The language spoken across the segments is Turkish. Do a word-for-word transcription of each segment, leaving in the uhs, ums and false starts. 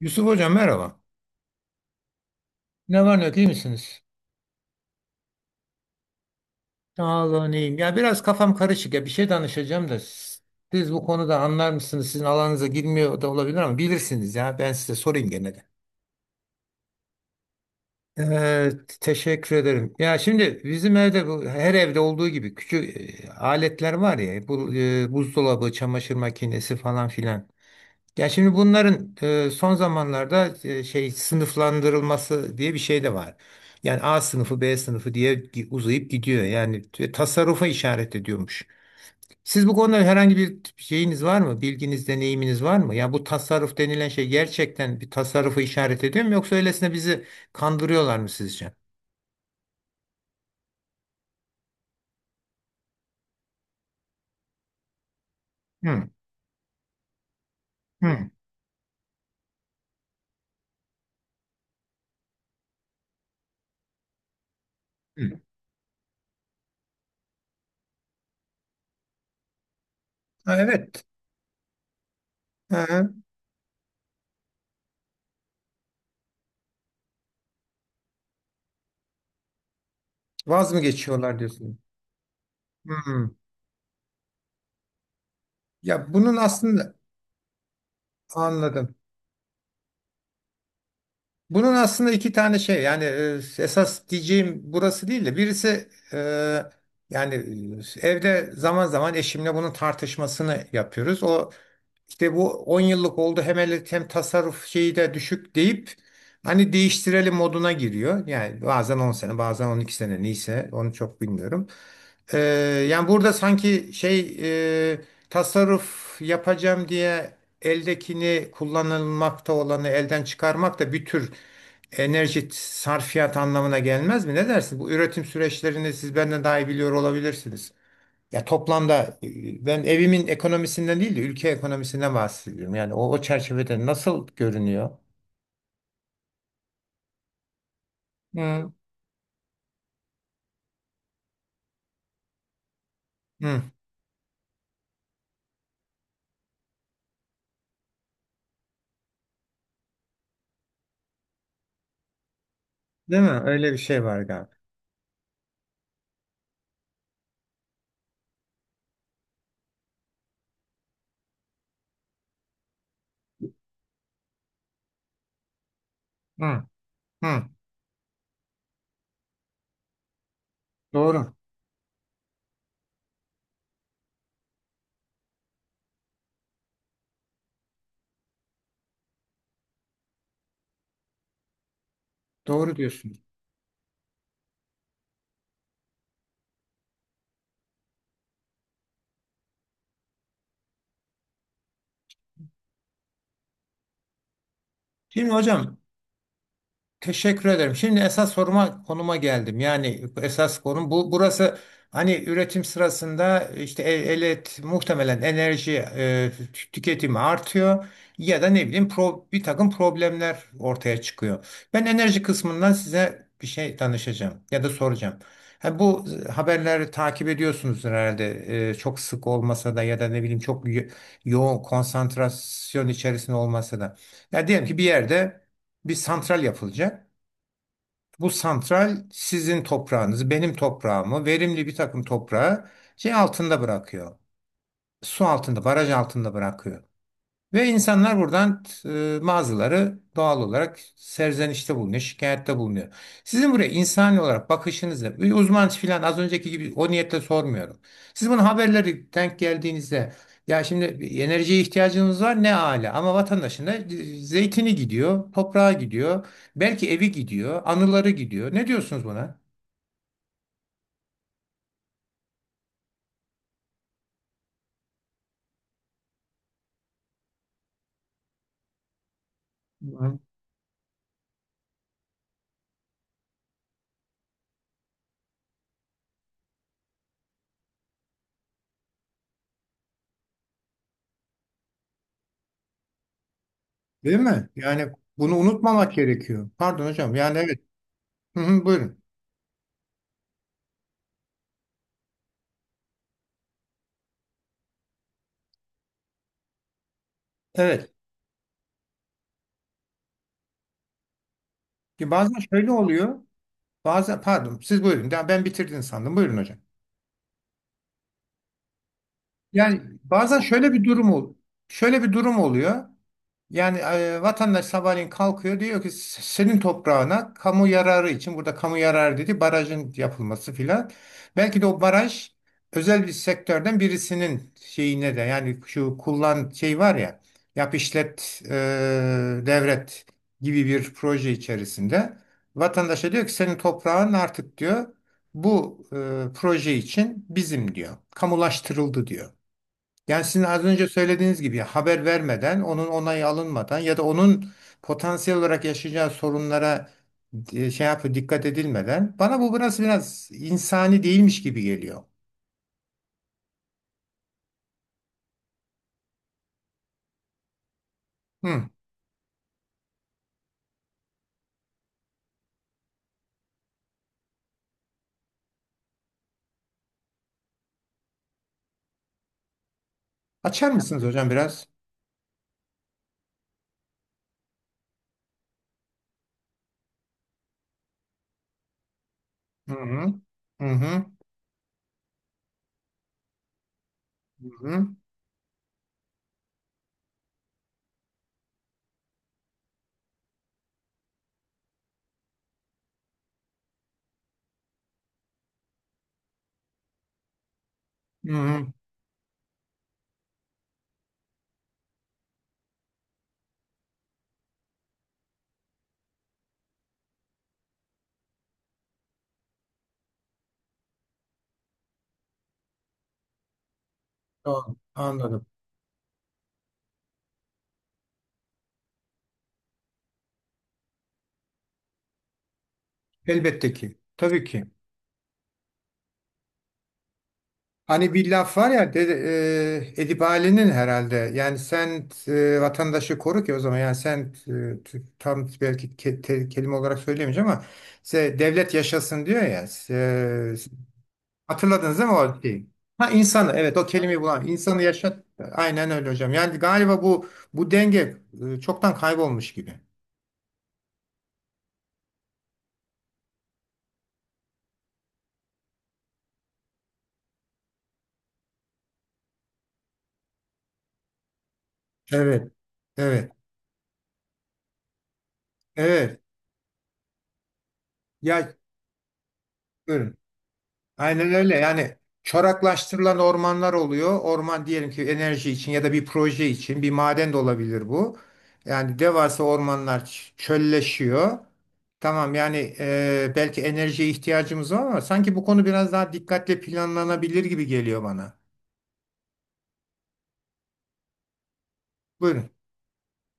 Yusuf Hocam merhaba. Ne var ne yok iyi misiniz? Sağ olun iyiyim. Ya biraz kafam karışık ya bir şey danışacağım da s- siz bu konuda anlar mısınız? Sizin alanınıza girmiyor da olabilir ama bilirsiniz ya ben size sorayım gene de. Ee, teşekkür ederim. Ya şimdi bizim evde bu her evde olduğu gibi küçük e, aletler var ya bu e, buzdolabı, çamaşır makinesi falan filan. Ya şimdi bunların e, son zamanlarda e, şey sınıflandırılması diye bir şey de var. Yani A sınıfı, B sınıfı diye gi- uzayıp gidiyor. Yani t- tasarrufa işaret ediyormuş. Siz bu konuda herhangi bir şeyiniz var mı? Bilginiz, deneyiminiz var mı? Ya bu tasarruf denilen şey gerçekten bir tasarrufa işaret ediyor mu? Yoksa öylesine bizi kandırıyorlar mı sizce? Hı, hı, hı. Ha, evet. Hı hı. Vaz mı geçiyorlar diyorsunuz? Hı. Ya bunun aslında anladım. Bunun aslında iki tane şey yani e, esas diyeceğim burası değil de birisi e, yani e, evde zaman zaman eşimle bunun tartışmasını yapıyoruz. O işte bu on yıllık oldu hem ele- hem tasarruf şeyi de düşük deyip hani değiştirelim moduna giriyor. Yani bazen on sene bazen on iki sene neyse onu çok bilmiyorum. Ee, yani burada sanki şey e, tasarruf yapacağım diye eldekini kullanılmakta olanı elden çıkarmak da bir tür enerji sarfiyat anlamına gelmez mi? Ne dersin? Bu üretim süreçlerini siz benden daha iyi biliyor olabilirsiniz. Ya toplamda e, ben evimin ekonomisinden değil de ülke ekonomisinden bahsediyorum. Yani o, o çerçevede nasıl görünüyor? Hı. Hı, değil mi? Öyle bir şey var galiba. Hı, hı. Doğru. Doğru diyorsun. Şimdi hocam teşekkür ederim. Şimdi esas soruma konuma geldim. Yani esas konum bu. Burası hani üretim sırasında işte e- elet muhtemelen enerji e, tü- tüketimi artıyor ya da ne bileyim pro, bir takım problemler ortaya çıkıyor. Ben enerji kısmından size bir şey danışacağım ya da soracağım. Ha, bu haberleri takip ediyorsunuz herhalde. E, çok sık olmasa da ya da ne bileyim çok yo- yoğun konsantrasyon içerisinde olmasa da. Ya diyelim ki bir yerde bir santral yapılacak. Bu santral sizin toprağınızı, benim toprağımı, verimli bir takım toprağı şey altında bırakıyor. Su altında, baraj altında bırakıyor. Ve insanlar buradan e, mağazaları doğal olarak serzenişte bulunuyor, şikayette bulunuyor. Sizin buraya insani olarak bakışınızı, bir uzman filan az önceki gibi o niyetle sormuyorum. Siz bunu haberleri denk geldiğinizde ya şimdi enerjiye ihtiyacınız var ne âlâ ama vatandaşın da zeytini gidiyor, toprağa gidiyor, belki evi gidiyor, anıları gidiyor. Ne diyorsunuz buna? Hı. Değil mi? Yani bunu unutmamak gerekiyor. Pardon hocam. Yani evet. Hı hı, buyurun. Evet. Ki bazen şöyle oluyor. Bazen pardon siz buyurun. Ben ben bitirdin sandım. Buyurun hocam. Yani bazen şöyle bir durum ol, şöyle bir durum oluyor. Yani e, vatandaş sabahleyin kalkıyor diyor ki "S- senin toprağına kamu yararı için burada kamu yararı dedi barajın yapılması filan. Belki de o baraj özel bir sektörden birisinin şeyine de yani şu kullan şey var ya yap işlet e, devret gibi bir proje içerisinde vatandaşa diyor ki senin toprağın artık diyor bu e, proje için bizim diyor kamulaştırıldı diyor. Yani sizin az önce söylediğiniz gibi haber vermeden, onun onayı alınmadan ya da onun potansiyel olarak yaşayacağı sorunlara e, şey yapıp dikkat edilmeden bana bu biraz biraz insani değilmiş gibi geliyor. Hı. Açar mısınız hocam biraz? Hı hı. Hı hı. Hı hı. Hı hı. Doğru. Anladım. Elbette ki. Tabii ki. Hani bir laf var ya de, e, Edip Ali'nin herhalde yani sen e, vatandaşı koru ki o zaman yani sen e, t- tam belki ke- te- kelime olarak söyleyemeyeceğim ama se- devlet yaşasın diyor ya se- hatırladınız değil mi o şeyi? Ha insanı evet o kelimeyi bulan insanı yaşat aynen öyle hocam yani galiba bu bu denge e, çoktan kaybolmuş gibi. Evet, evet, evet, ya buyurun. Aynen öyle. Yani çoraklaştırılan ormanlar oluyor. Orman diyelim ki enerji için ya da bir proje için bir maden de olabilir bu. Yani devasa ormanlar ç- çölleşiyor. Tamam yani e, belki enerjiye ihtiyacımız var ama sanki bu konu biraz daha dikkatle planlanabilir gibi geliyor bana. Buyurun.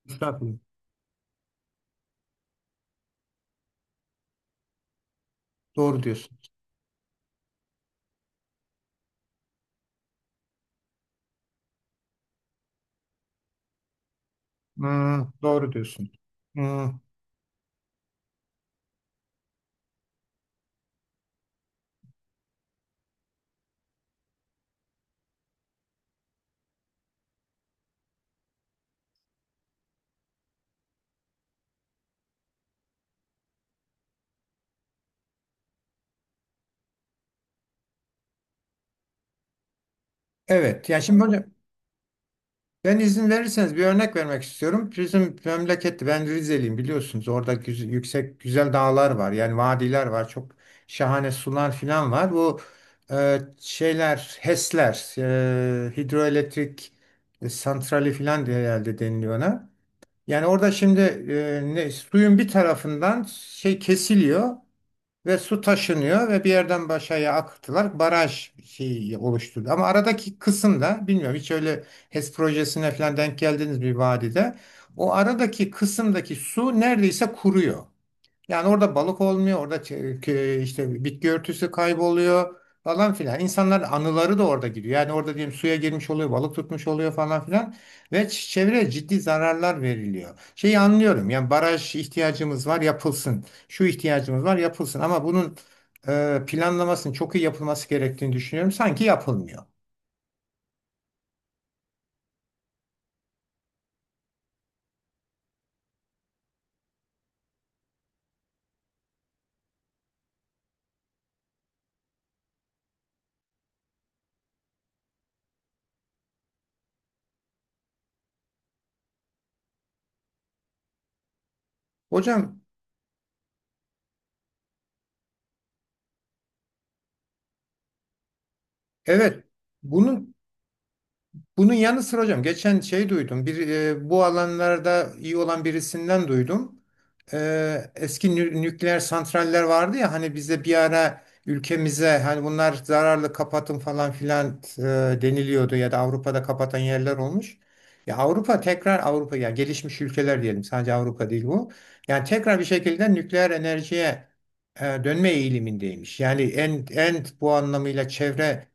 Mustafa, doğru diyorsun. Hmm, doğru diyorsun. Hmm, evet. Yani şimdi ben izin verirseniz bir örnek vermek istiyorum. Bizim memlekette ben Rizeliyim biliyorsunuz. Orada güz- yüksek güzel dağlar var. Yani vadiler var. Çok şahane sular falan var. Bu e, şeyler HES'ler e, hidroelektrik e, santrali falan diye herhalde deniliyor ona. Yani orada şimdi e, ne, suyun bir tarafından şey kesiliyor. Ve su taşınıyor ve bir yerden başaya akıttılar. Baraj şeyi oluşturdu. Ama aradaki kısımda bilmiyorum hiç öyle HES projesine falan denk geldiniz bir vadide. O aradaki kısımdaki su neredeyse kuruyor. Yani orada balık olmuyor, orada ç- k- işte bitki örtüsü kayboluyor falan filan. İnsanların anıları da orada gidiyor. Yani orada diyelim suya girmiş oluyor, balık tutmuş oluyor falan filan ve ç- çevreye ciddi zararlar veriliyor. Şeyi anlıyorum. Yani baraj ihtiyacımız var, yapılsın. Şu ihtiyacımız var, yapılsın. Ama bunun e, planlamasının çok iyi yapılması gerektiğini düşünüyorum. Sanki yapılmıyor. Hocam evet bunun Bunun yanı sıra hocam geçen şey duydum. Bir e, bu alanlarda iyi olan birisinden duydum. E, eski nü- nükleer santraller vardı ya hani bize bir ara ülkemize hani bunlar zararlı kapatın falan filan e, deniliyordu ya da Avrupa'da kapatan yerler olmuş. Ya Avrupa tekrar Avrupa yani gelişmiş ülkeler diyelim sadece Avrupa değil bu. Yani tekrar bir şekilde nükleer enerjiye e, dönme eğilimindeymiş. Yani en en bu anlamıyla çevre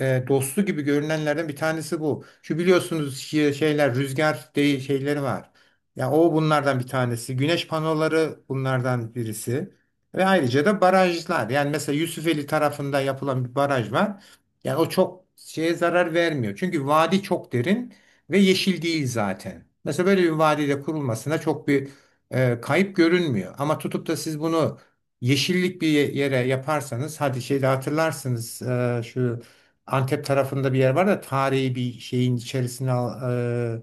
e, dostu gibi görünenlerden bir tanesi bu. Şu biliyorsunuz şi- şeyler rüzgar değil şeyleri var. Ya o bunlardan bir tanesi. Güneş panoları bunlardan birisi. Ve ayrıca da barajlar. Yani mesela Yusufeli tarafında yapılan bir baraj var. Yani o çok şeye zarar vermiyor. Çünkü vadi çok derin ve yeşil değil zaten. Mesela böyle bir vadide kurulmasına çok bir e, kayıp görünmüyor. Ama tutup da siz bunu yeşillik bir yere yaparsanız hadi şeyde hatırlarsınız e, şu Antep tarafında bir yer var da tarihi bir şeyin içerisine al- e,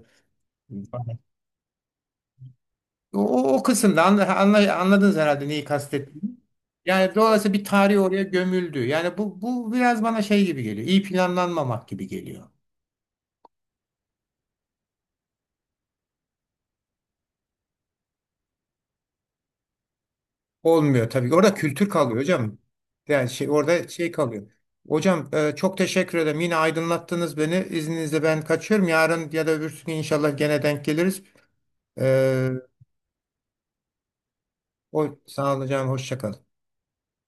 o, o kısımda anla, anla- anladınız herhalde neyi kastettiğimi. Yani dolayısıyla bir tarih oraya gömüldü. Yani bu, bu biraz bana şey gibi geliyor. İyi planlanmamak gibi geliyor. Olmuyor tabii. Orada kültür kalıyor hocam. Yani şey, orada şey kalıyor. Hocam e, çok teşekkür ederim. Yine aydınlattınız beni. İzninizle ben kaçıyorum. Yarın ya da öbürsü gün inşallah gene denk geliriz. E, o, sağ olun hocam. Hoşça kalın.